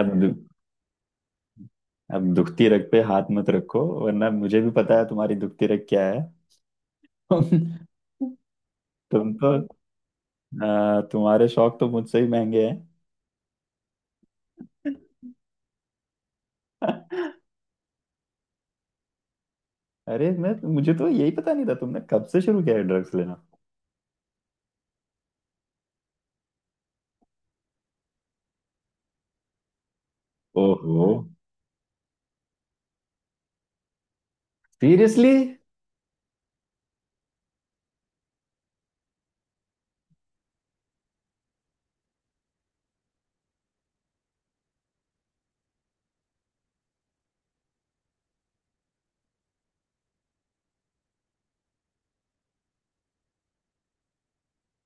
अब दु, अब दुखती रग पे हाथ मत रखो। वरना मुझे भी पता है तुम्हारी दुखती रग क्या है। तुम तो तुम्हारे शौक तो मुझसे ही महंगे हैं। अरे मैं मुझे तो यही पता नहीं था तुमने कब से शुरू किया है ड्रग्स लेना। ओहो। सीरियसली?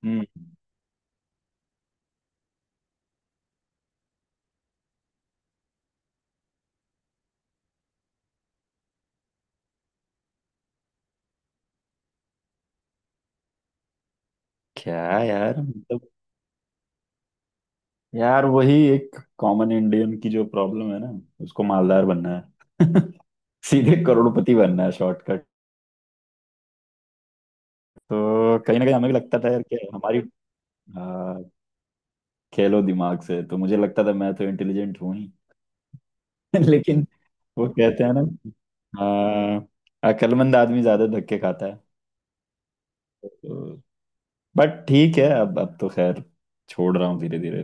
हम्म। क्या। यार मतलब यार वही एक कॉमन इंडियन की जो प्रॉब्लम है ना, उसको मालदार बनना है। सीधे करोड़पति बनना है, शॉर्टकट। तो कहीं ना कहीं हमें भी लगता था यार कि हमारी खेलो दिमाग से, तो मुझे लगता था मैं तो इंटेलिजेंट हूं ही। लेकिन वो कहते हैं ना, हाँ, अक्लमंद आदमी ज्यादा धक्के खाता है। तो, बट ठीक है, अब तो खैर छोड़ रहा हूँ धीरे धीरे।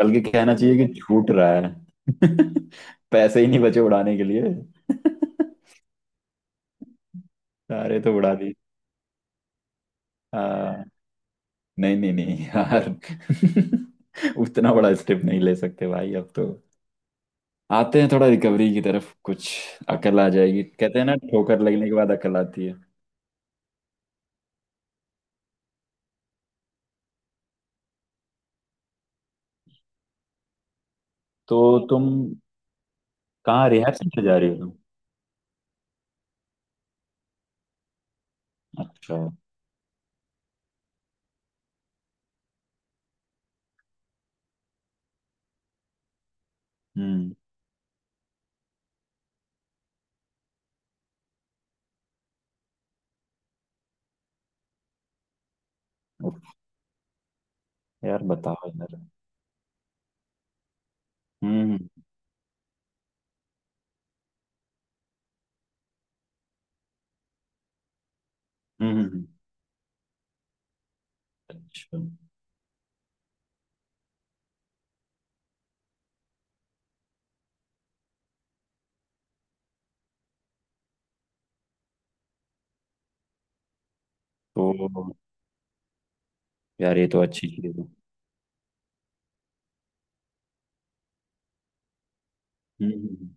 बल्कि कहना चाहिए कि छूट रहा है। पैसे ही नहीं बचे उड़ाने के लिए। सारे तो उड़ा दिए। हाँ, नहीं नहीं नहीं यार। उतना बड़ा स्टेप नहीं ले सकते भाई, अब तो आते हैं थोड़ा रिकवरी की तरफ कुछ। अकल आ जाएगी, कहते हैं ना ठोकर लगने के बाद अकल आती है। तो तुम कहाँ रिहर्सल सेंटर जा रही हो तुम? अच्छा। हम्म। उफ। यार बताओ यार। हम्म। हम्म। हम्म, हम्म, हम्म। अच्छा तो यार ये तो अच्छी चीज है। हम्म। हम्म। हम्म।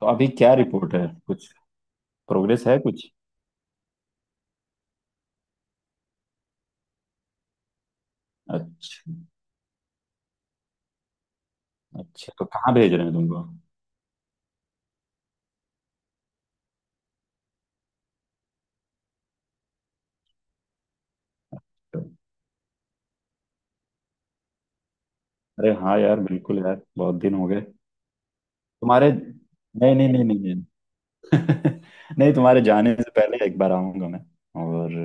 तो अभी क्या रिपोर्ट है कुछ? प्रोग्रेस है कुछ? अच्छा, अच्छा तो कहाँ भेज रहे हैं तुमको? अरे हाँ यार, बिल्कुल यार, बहुत दिन हो गए। तुम्हारे नहीं नहीं नहीं नहीं नहीं। नहीं, तुम्हारे जाने से पहले एक बार आऊंगा मैं। और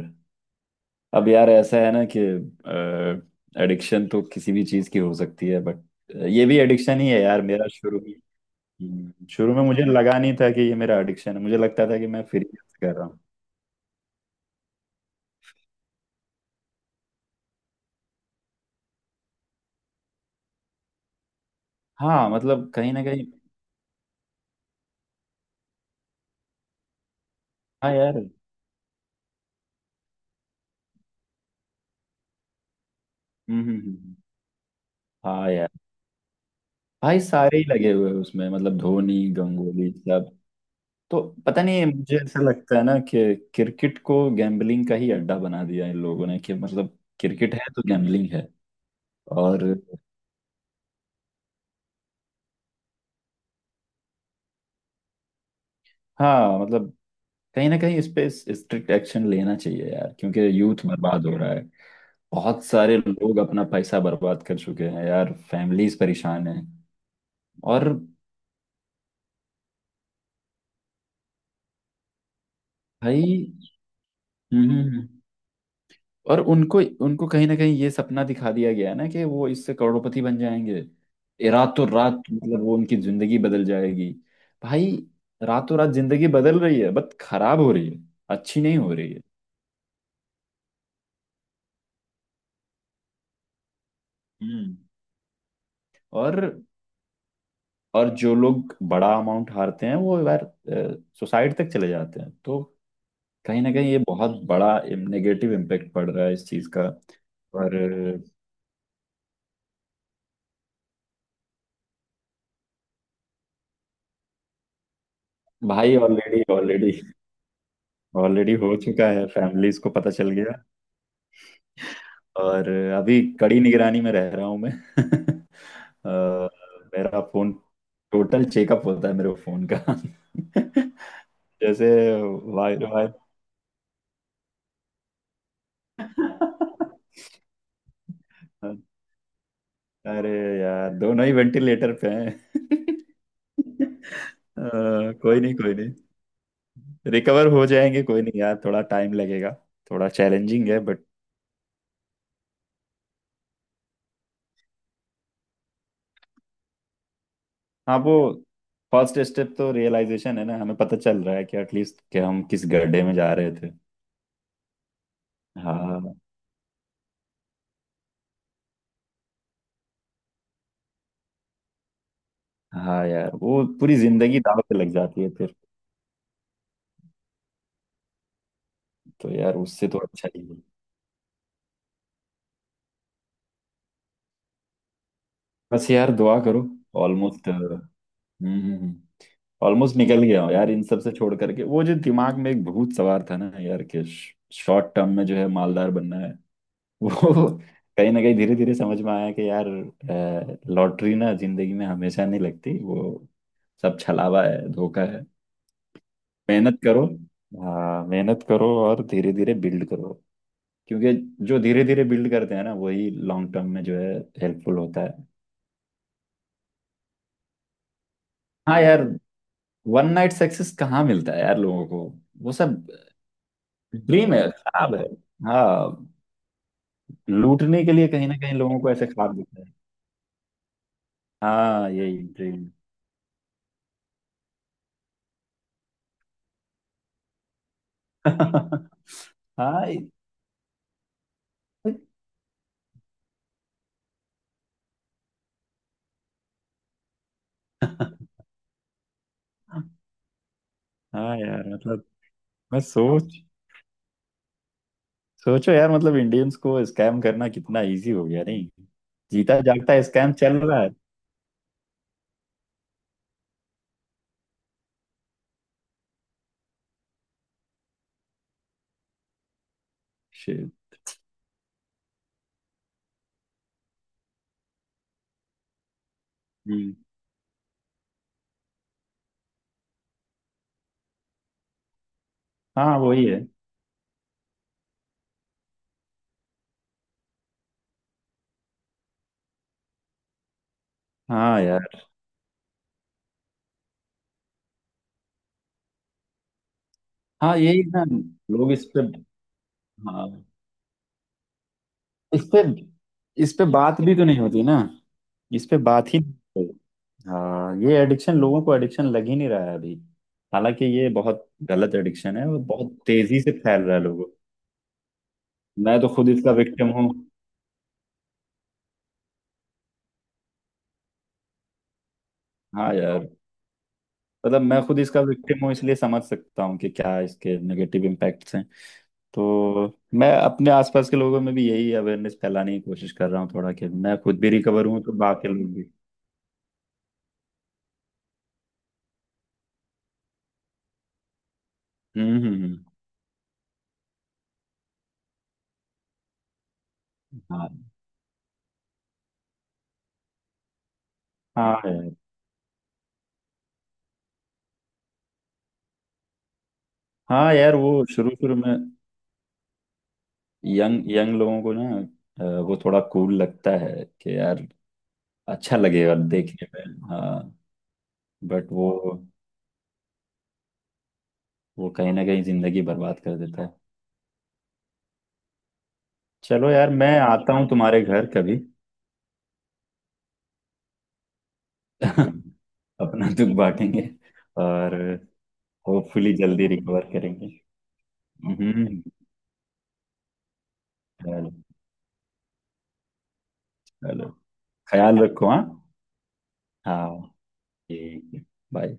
अब यार ऐसा है ना कि एडिक्शन तो किसी भी चीज की हो सकती है, बट ये भी एडिक्शन ही है यार मेरा। शुरू में, शुरू में मुझे लगा नहीं था कि ये मेरा एडिक्शन है, मुझे लगता था कि मैं फ्री कर रहा हूँ। हाँ मतलब कहीं ना कहीं। हाँ यार। हम्म। हम्म, हम्म, हाँ यार। भाई सारे ही लगे हुए हैं उसमें, मतलब धोनी, गंगोली, सब। तो पता नहीं मुझे ऐसा लगता है ना कि क्रिकेट को गैम्बलिंग का ही अड्डा बना दिया इन लोगों ने, कि मतलब क्रिकेट है तो गैम्बलिंग है। और हाँ मतलब कहीं ना कहीं इस पे स्ट्रिक्ट एक्शन लेना चाहिए यार, क्योंकि यूथ बर्बाद हो रहा है। बहुत सारे लोग अपना पैसा बर्बाद कर चुके हैं यार, फैमिलीज परेशान हैं। और भाई। हम्म। और उनको उनको कहीं ना कहीं ये सपना दिखा दिया गया है ना कि वो इससे करोड़पति बन जाएंगे। ये रातों रात मतलब वो उनकी जिंदगी बदल जाएगी। भाई रातों रात जिंदगी बदल रही है, बट खराब हो रही है। अच्छी नहीं हो रही है। हम्म। और और जो लोग बड़ा अमाउंट हारते हैं वो यार सुसाइड तक चले जाते हैं, तो कहीं ना कहीं ये बहुत बड़ा नेगेटिव इम्पेक्ट पड़ रहा है इस चीज का। और भाई ऑलरेडी, ऑलरेडी, ऑलरेडी हो चुका है, फैमिलीज को पता चल गया। और अभी कड़ी निगरानी में रह रहा हूँ मैं। अ, मेरा फोन टोटल चेकअप होता है मेरे फोन का। जैसे वायर वायर। अरे यार दोनों ही वेंटिलेटर पे हैं। अ, कोई नहीं, कोई नहीं, रिकवर हो जाएंगे कोई नहीं यार, थोड़ा टाइम लगेगा। थोड़ा चैलेंजिंग है, बट हाँ वो फर्स्ट स्टेप तो रियलाइजेशन है ना, हमें पता चल रहा है कि एटलीस्ट कि हम किस गड्ढे में जा रहे। हाँ। हाँ यार वो पूरी जिंदगी दाव पे लग जाती है फिर। तो यार उससे तो अच्छा ही है। बस यार दुआ करो। ऑलमोस्ट। हम्म। ऑलमोस्ट निकल गया हूँ यार इन सब से, छोड़ करके वो जो दिमाग में एक भूत सवार था ना यार कि शॉर्ट टर्म में जो है मालदार बनना है। वो कहीं ना कहीं धीरे धीरे समझ में आया कि यार लॉटरी ना जिंदगी में हमेशा नहीं लगती, वो सब छलावा है, धोखा है। मेहनत करो। हाँ मेहनत करो और धीरे धीरे बिल्ड करो, क्योंकि जो धीरे धीरे बिल्ड करते हैं ना वही लॉन्ग टर्म में जो है हेल्पफुल होता है। हाँ यार वन नाइट सक्सेस कहाँ मिलता है यार लोगों को। वो सब ड्रीम है, ख्वाब है। हाँ, लूटने के लिए कहीं ना कहीं लोगों को ऐसे ख्वाब दिखते हैं। हाँ यही ड्रीम। हाँ। हाँ यार मतलब, मैं सोच सोचो यार, मतलब इंडियंस को स्कैम करना कितना इजी हो गया नहीं। जीता जागता स्कैम चल रहा है। Shit. हम्म। हाँ वही है। हाँ यार। हाँ यही ना। लोग इस पे, हाँ, इस पे इस पे बात भी तो नहीं होती ना, इस पे बात ही नहीं होती। हाँ ये एडिक्शन लोगों को एडिक्शन लग ही नहीं रहा है अभी। हालांकि ये बहुत गलत एडिक्शन है और बहुत तेजी से फैल रहा है लोगों। मैं तो खुद इसका विक्टिम हूँ। हाँ यार मतलब मैं खुद इसका विक्टिम हूँ इसलिए समझ सकता हूँ कि क्या इसके नेगेटिव इम्पैक्ट्स हैं। तो मैं अपने आसपास के लोगों में भी यही अवेयरनेस फैलाने की कोशिश कर रहा हूँ थोड़ा, कि मैं खुद भी रिकवर हूँ तो बाकी लोग भी। हम्म। हम्म। हम्म। हाँ। हाँ यार। हाँ यार वो शुरू शुरू में यंग यंग लोगों को ना वो थोड़ा कूल लगता है कि यार अच्छा लगेगा देखने में, हाँ, बट वो कहीं ना कहीं जिंदगी बर्बाद कर देता है। चलो यार मैं आता हूँ तुम्हारे घर कभी। अपना दुख बांटेंगे। और होपफुली जल्दी रिकवर करेंगे। हम्म। चलो। चलो, ख्याल रखो, हाँ। हाँ ठीक है। बाय।